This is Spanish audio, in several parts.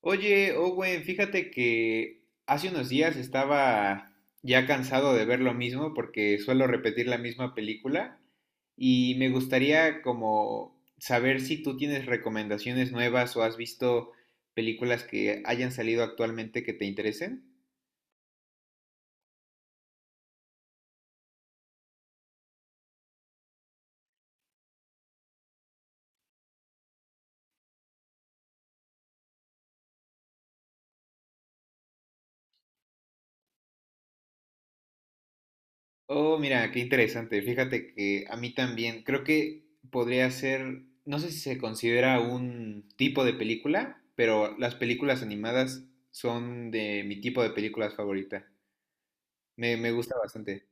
Oye, Owen, fíjate que hace unos días estaba ya cansado de ver lo mismo porque suelo repetir la misma película y me gustaría como saber si tú tienes recomendaciones nuevas o has visto películas que hayan salido actualmente que te interesen. Oh, mira, qué interesante. Fíjate que a mí también, creo que podría ser, no sé si se considera un tipo de película, pero las películas animadas son de mi tipo de películas favorita. Me gusta bastante.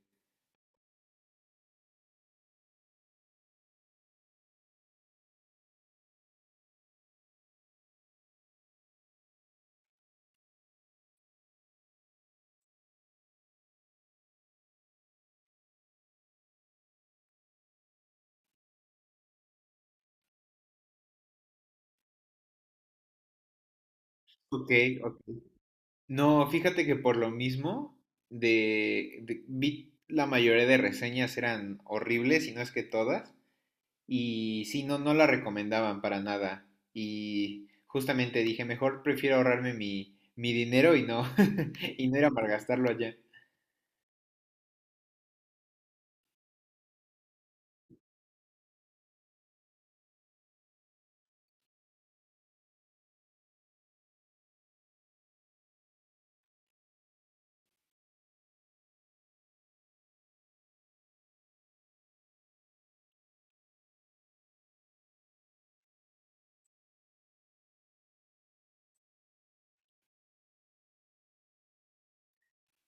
Ok, ok. No, fíjate que por lo mismo, vi la mayoría de reseñas eran horribles, y no es que todas, y sí, no, no la recomendaban para nada. Y justamente dije, mejor prefiero ahorrarme mi dinero y no, y no ir a malgastarlo allá.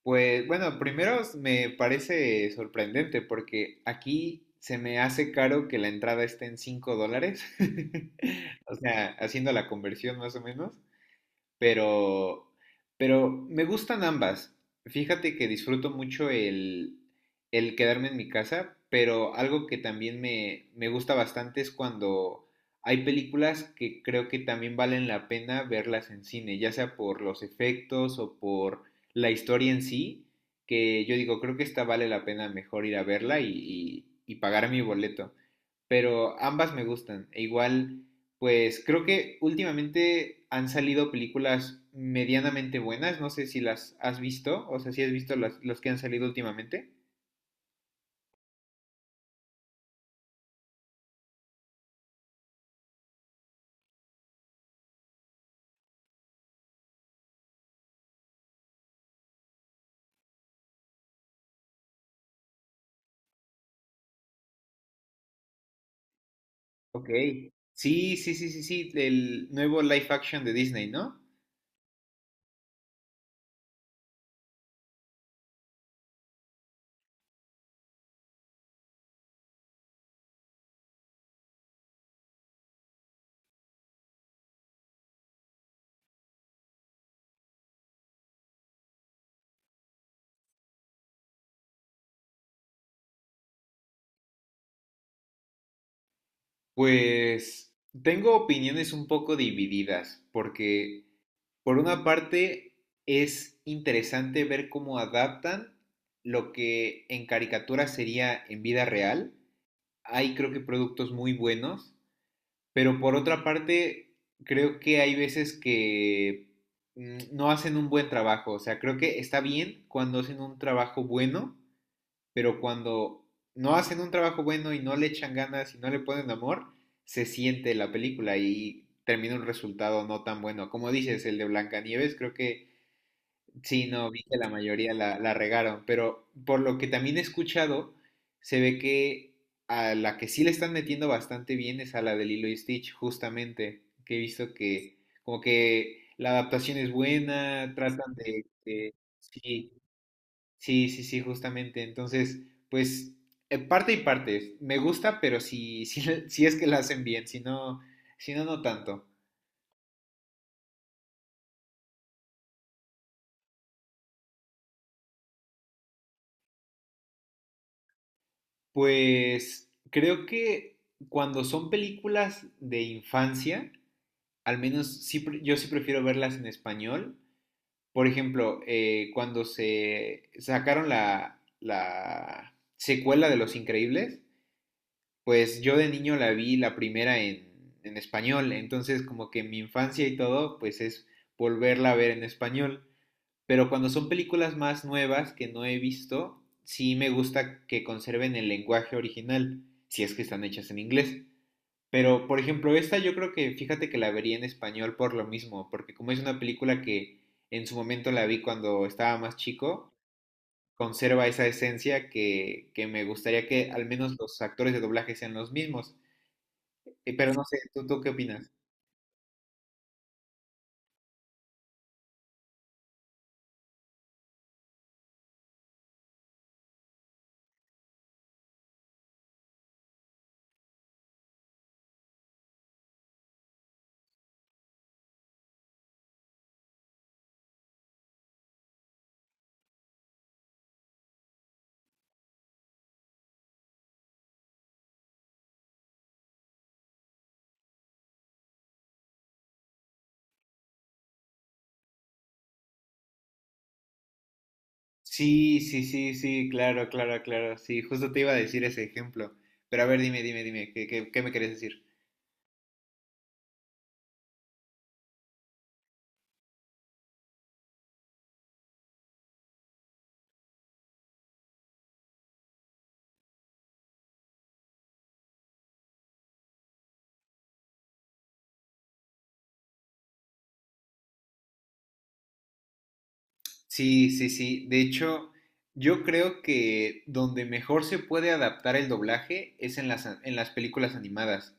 Pues bueno, primero me parece sorprendente porque aquí se me hace caro que la entrada esté en $5. O sea, haciendo la conversión más o menos. Pero, pero me gustan ambas. Fíjate que disfruto mucho el quedarme en mi casa, pero algo que también me gusta bastante es cuando hay películas que creo que también valen la pena verlas en cine, ya sea por los efectos o por la historia en sí, que yo digo, creo que esta vale la pena mejor ir a verla y pagar mi boleto. Pero ambas me gustan. E igual pues creo que últimamente han salido películas medianamente buenas. No sé si las has visto, o sea, si has visto las que han salido últimamente. Ok. Sí, sí, sí, sí, sí, el nuevo live action de Disney, ¿no? Pues tengo opiniones un poco divididas, porque por una parte es interesante ver cómo adaptan lo que en caricatura sería en vida real. Hay creo que productos muy buenos. Pero por otra parte, creo que hay veces que no hacen un buen trabajo. O sea, creo que está bien cuando hacen un trabajo bueno, pero cuando no hacen un trabajo bueno y no le echan ganas y no le ponen amor, se siente la película y termina un resultado no tan bueno. Como dices, el de Blancanieves creo que sí, no, vi que la mayoría la regaron, pero por lo que también he escuchado, se ve que a la que sí le están metiendo bastante bien es a la de Lilo y Stitch, justamente, que he visto que como que la adaptación es buena, tratan. Sí, sí, sí, sí, justamente. Entonces, pues, parte y parte. Me gusta, pero si, si, si es que la hacen bien, si no, si no, no tanto. Pues creo que cuando son películas de infancia, al menos yo sí prefiero verlas en español. Por ejemplo, cuando se sacaron la secuela de Los Increíbles, pues yo de niño la vi la primera en español. Entonces como que mi infancia y todo, pues es volverla a ver en español. Pero cuando son películas más nuevas que no he visto, sí me gusta que conserven el lenguaje original, si es que están hechas en inglés. Pero, por ejemplo, esta yo creo que, fíjate que la vería en español por lo mismo, porque como es una película que en su momento la vi cuando estaba más chico, conserva esa esencia que me gustaría que al menos los actores de doblaje sean los mismos. Pero no sé, tú qué opinas? Sí, sí, sí, sí, claro, claro, claro, sí, justo te iba a decir ese ejemplo, pero a ver, dime, dime, dime, ¿qué, qué, qué me querés decir? Sí, sí, sí, de hecho, yo creo que donde mejor se puede adaptar el doblaje es en las, en las películas animadas,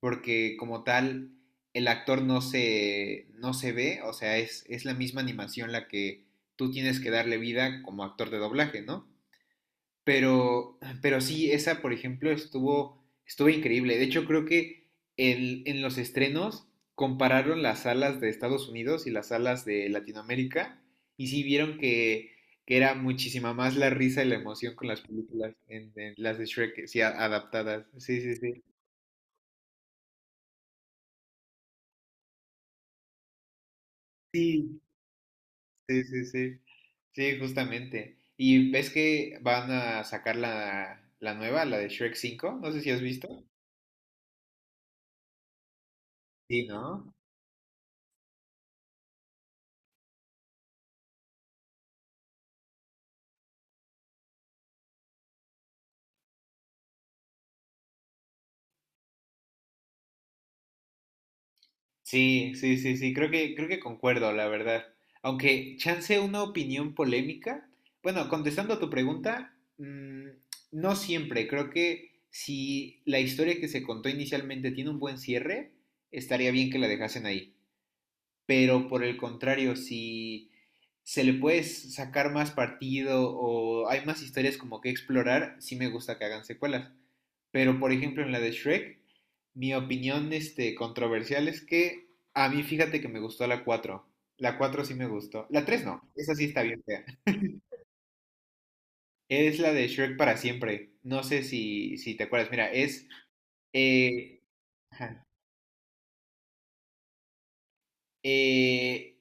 porque como tal, el actor no se ve, o sea, es la misma animación la que tú tienes que darle vida como actor de doblaje, ¿no? Pero sí, esa, por ejemplo, estuvo, estuvo increíble. De hecho, creo que en los estrenos compararon las salas de Estados Unidos y las salas de Latinoamérica y sí vieron que era muchísima más la risa y la emoción con las películas, en las de Shrek, sí, adaptadas. Sí, sí, sí. Sí, sí, sí, sí. Sí, justamente. Y ves que van a sacar la nueva, la de Shrek cinco, no sé si has visto. Sí, ¿no? Sí, sí, sí, sí, creo que concuerdo, la verdad. Aunque chance una opinión polémica. Bueno, contestando a tu pregunta, no siempre. Creo que si la historia que se contó inicialmente tiene un buen cierre, estaría bien que la dejasen ahí, pero por el contrario, si se le puede sacar más partido o hay más historias como que explorar, sí me gusta que hagan secuelas. Pero por ejemplo en la de Shrek, mi opinión este, controversial, es que a mí fíjate que me gustó la cuatro. La 4 sí me gustó. La 3 no, esa sí está bien fea. Es la de Shrek para siempre. No sé si, si te acuerdas. Mira, es... eh, ajá, eh,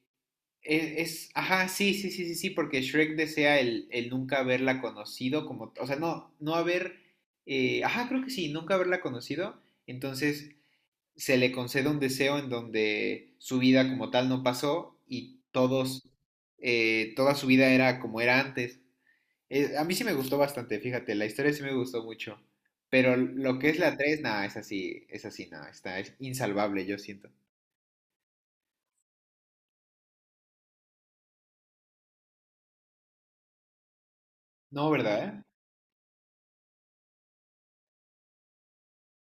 Ajá, sí, sí, sí, sí, sí, porque Shrek desea el nunca haberla conocido, como, o sea, no haber, ajá, creo que sí, nunca haberla conocido, entonces se le concede un deseo en donde su vida como tal no pasó y todos, toda su vida era como era antes. A mí sí me gustó bastante, fíjate, la historia sí me gustó mucho, pero lo que es la 3 nada, es así, nada, está, es insalvable, yo siento. No, ¿verdad?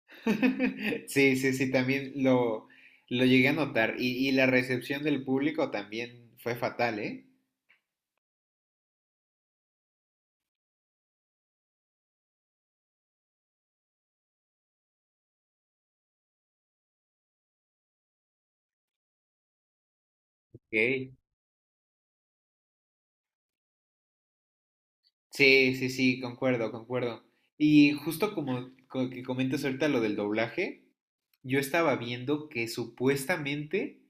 Sí, sí, sí, también lo llegué a notar. Y la recepción del público también fue fatal, ¿eh? Ok. Sí, sí, sí, concuerdo, concuerdo. Y justo como que comentas ahorita lo del doblaje, yo estaba viendo que supuestamente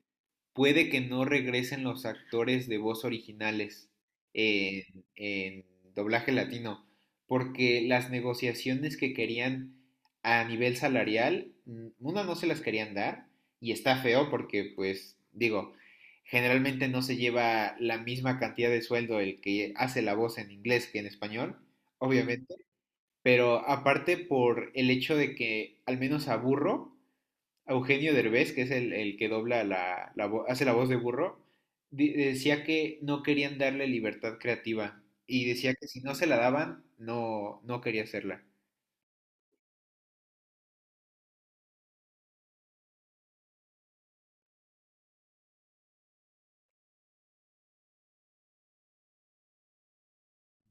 puede que no regresen los actores de voz originales en doblaje latino, porque las negociaciones que querían a nivel salarial, una no se las querían dar y está feo porque pues digo, generalmente no se lleva la misma cantidad de sueldo el que hace la voz en inglés que en español, obviamente, pero aparte por el hecho de que al menos a Burro, a Eugenio Derbez, que es el que dobla la hace la voz de burro, decía que no querían darle libertad creativa y decía que si no se la daban, no, no quería hacerla.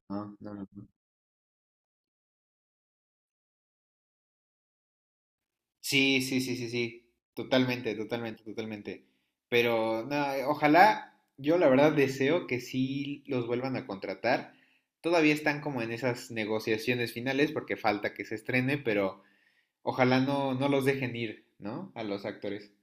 No, no, no, no. Sí, sí, sí, sí, sí, totalmente, totalmente, totalmente. Pero no, ojalá, yo la verdad deseo que sí los vuelvan a contratar. Todavía están como en esas negociaciones finales porque falta que se estrene, pero ojalá no, no los dejen ir, ¿no? A los actores.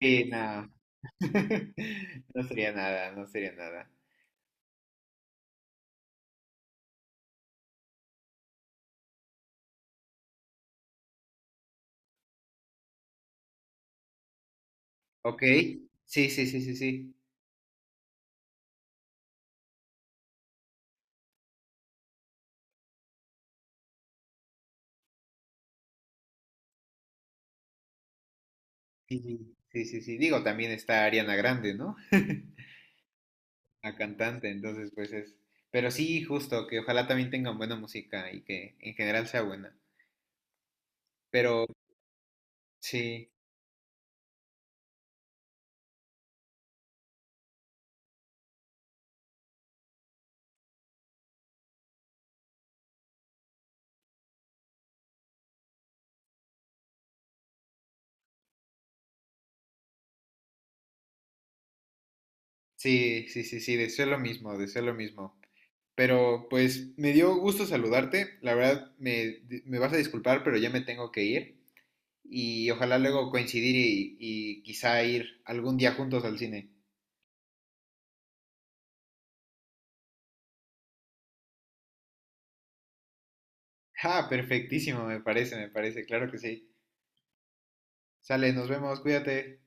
Sí, no. No sería nada, no sería nada. Ok, sí, sí, sí, sí, sí. Sí, sí, sí, sí. Digo, también está Ariana Grande, ¿no? La cantante, entonces pues es... Pero sí, justo, que ojalá también tengan buena música y que en general sea buena. Pero sí, sí, sí, sí, sí, deseo lo mismo, deseo lo mismo. Pero pues me dio gusto saludarte, la verdad me vas a disculpar, pero ya me tengo que ir y ojalá luego coincidir y quizá ir algún día juntos al cine. Ah, perfectísimo, me parece, claro que sí. Sale, nos vemos, cuídate.